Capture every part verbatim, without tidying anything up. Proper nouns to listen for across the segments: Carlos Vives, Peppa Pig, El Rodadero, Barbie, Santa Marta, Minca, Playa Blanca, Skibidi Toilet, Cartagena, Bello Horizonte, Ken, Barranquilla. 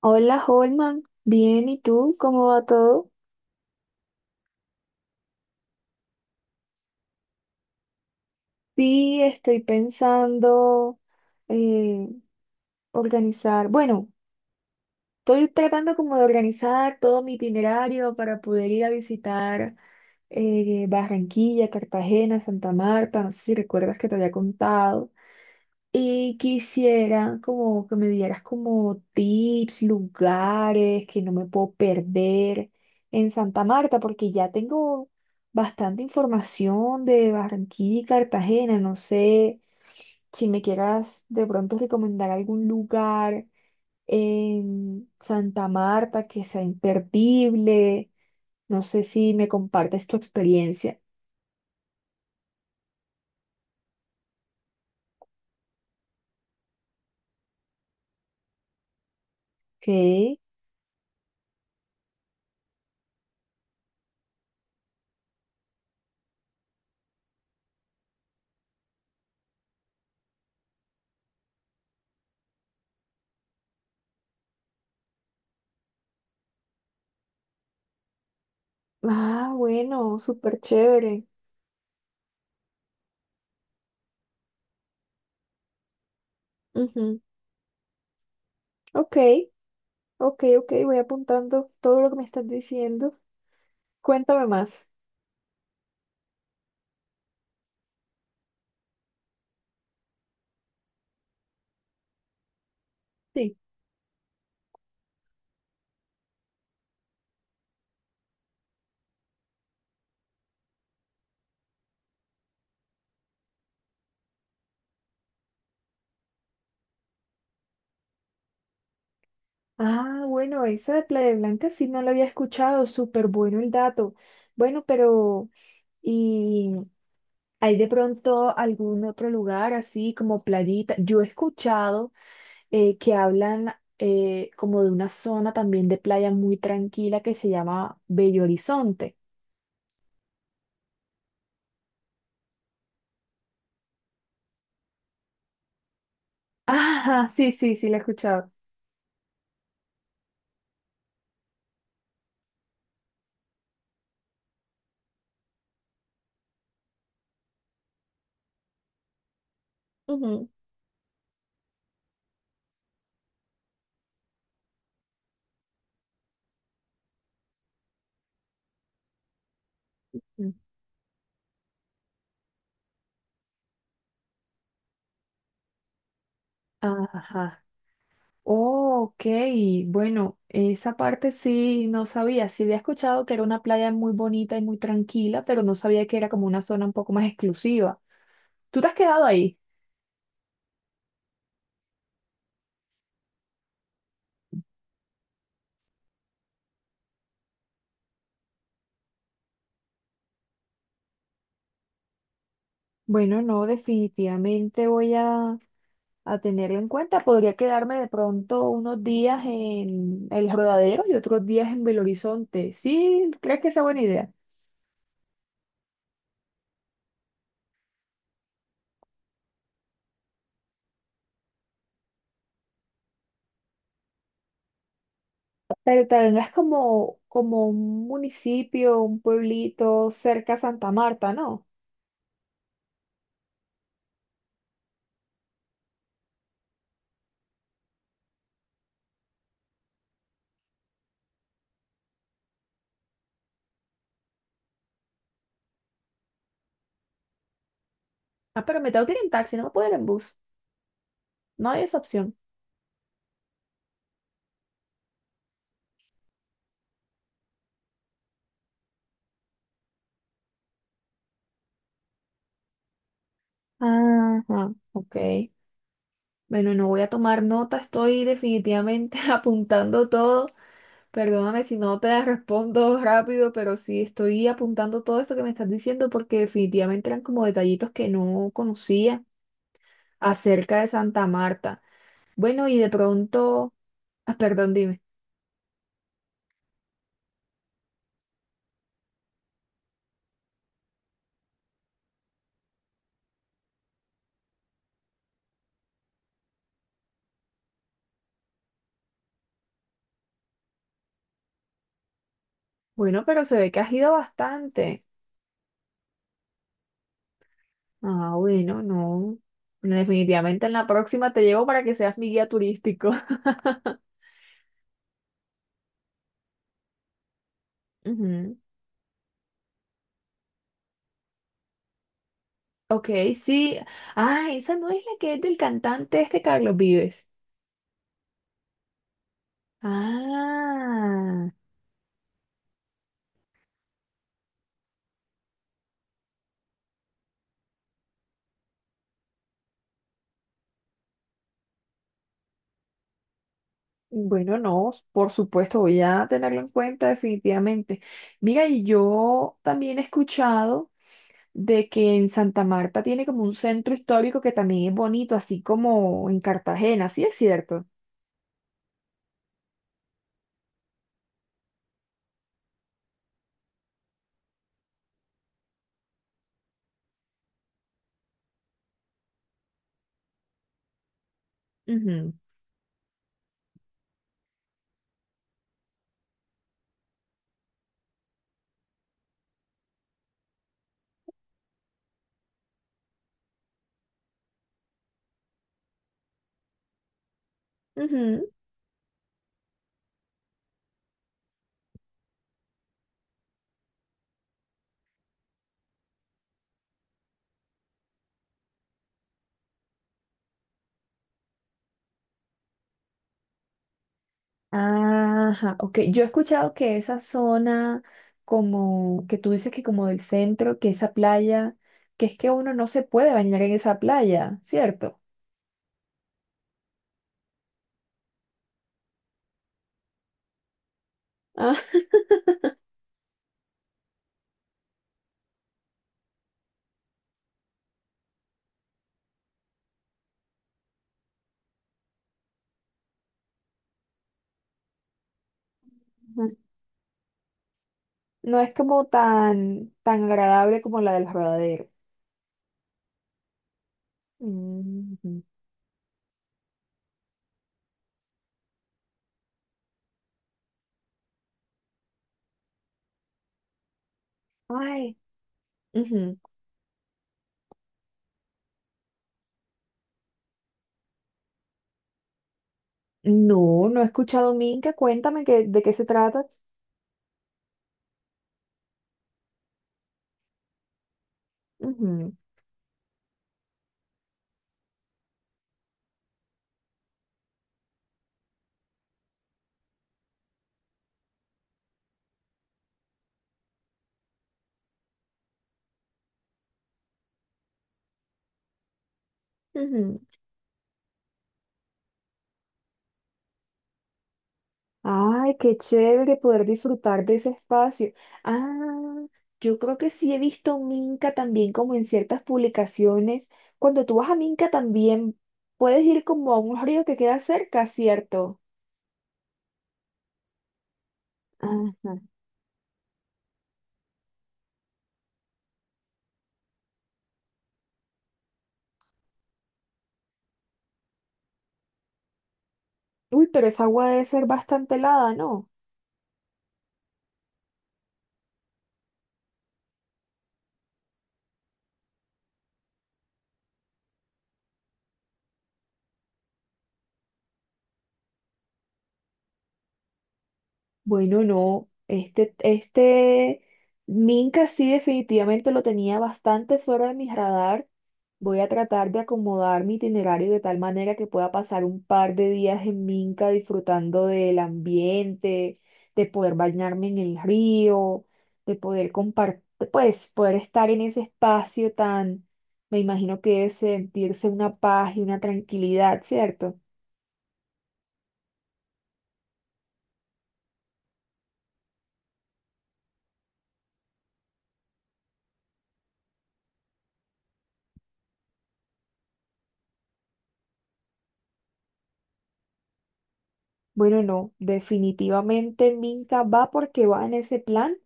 Hola, Holman. Bien, ¿y tú? ¿Cómo va todo? Sí, estoy pensando eh, organizar, bueno, estoy tratando como de organizar todo mi itinerario para poder ir a visitar eh, Barranquilla, Cartagena, Santa Marta, no sé si recuerdas que te había contado. Y quisiera como que me dieras como tips, lugares que no me puedo perder en Santa Marta, porque ya tengo bastante información de Barranquilla y Cartagena. No sé si me quieras de pronto recomendar algún lugar en Santa Marta que sea imperdible. No sé si me compartes tu experiencia. Ok. Ah, bueno, súper chévere. Ujú. Ok. Ok, ok, voy apuntando todo lo que me estás diciendo. Cuéntame más. Sí. Ah, bueno, esa de Playa Blanca sí no la había escuchado. Súper bueno el dato. Bueno, pero ¿y hay de pronto algún otro lugar así como playita? Yo he escuchado eh, que hablan eh, como de una zona también de playa muy tranquila que se llama Bello Horizonte. Ajá, sí, sí, sí, la he escuchado. Ujú. Mm. Ajá. Oh, ok, bueno, esa parte sí no sabía. Sí había escuchado que era una playa muy bonita y muy tranquila, pero no sabía que era como una zona un poco más exclusiva. ¿Tú te has quedado ahí? Bueno, no, definitivamente voy a, a tenerlo en cuenta. Podría quedarme de pronto unos días en El Rodadero y otros días en Belo Horizonte. ¿Sí? ¿Crees que esa es buena idea? Pero tal es como, como un municipio, un pueblito cerca a Santa Marta, ¿no? Ah, pero me tengo que ir en taxi, no me puedo ir en bus. No hay esa opción. Ajá, ok. Bueno, no voy a tomar nota, estoy definitivamente apuntando todo. Perdóname si no te respondo rápido, pero sí estoy apuntando todo esto que me estás diciendo porque definitivamente eran como detallitos que no conocía acerca de Santa Marta. Bueno, y de pronto, ah, perdón, dime. Bueno, pero se ve que has ido bastante. Ah, bueno, no. Definitivamente en la próxima te llevo para que seas mi guía turístico. Ujú. Ok, sí. Ah, esa no es la que es del cantante este Carlos Vives. Ah, bueno, no, por supuesto, voy a tenerlo en cuenta definitivamente. Mira, y yo también he escuchado de que en Santa Marta tiene como un centro histórico que también es bonito, así como en Cartagena, ¿sí es cierto? Ujú, ujú. Ajá, ok. Yo he escuchado que esa zona, como que tú dices que como del centro, que esa playa, que es que uno no se puede bañar en esa playa, ¿cierto? Ajá. No es como tan, tan agradable como la del Rodadero. Ujú. Ay. Ujú. No, no he escuchado Minca. Cuéntame que- de qué se trata. Ujú, ujú. Ay, qué chévere poder disfrutar de ese espacio. Ah, yo creo que sí he visto Minca también como en ciertas publicaciones. Cuando tú vas a Minca también puedes ir como a un río que queda cerca, ¿cierto? Ajá. Uy, pero esa agua debe ser bastante helada, ¿no? Bueno, no, este, este Minca sí definitivamente lo tenía bastante fuera de mi radar. Voy a tratar de acomodar mi itinerario de tal manera que pueda pasar un par de días en Minca disfrutando del ambiente, de poder bañarme en el río, de poder compartir, pues poder estar en ese espacio tan, me imagino que debe sentirse una paz y una tranquilidad, ¿cierto? Bueno, no, definitivamente Minca va porque va en ese plan.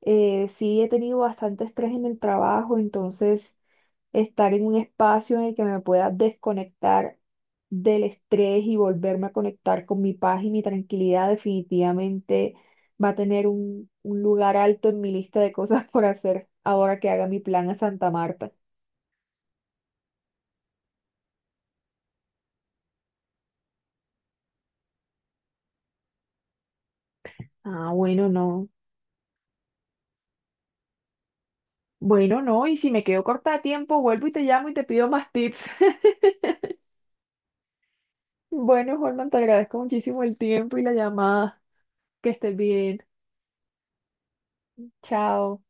Eh, sí, he tenido bastante estrés en el trabajo, entonces estar en un espacio en el que me pueda desconectar del estrés y volverme a conectar con mi paz y mi tranquilidad definitivamente va a tener un, un lugar alto en mi lista de cosas por hacer ahora que haga mi plan a Santa Marta. Ah, bueno, no. Bueno, no, y si me quedo corta de tiempo, vuelvo y te llamo y te pido más tips. Bueno, Holman, te agradezco muchísimo el tiempo y la llamada. Que estés bien. Chao.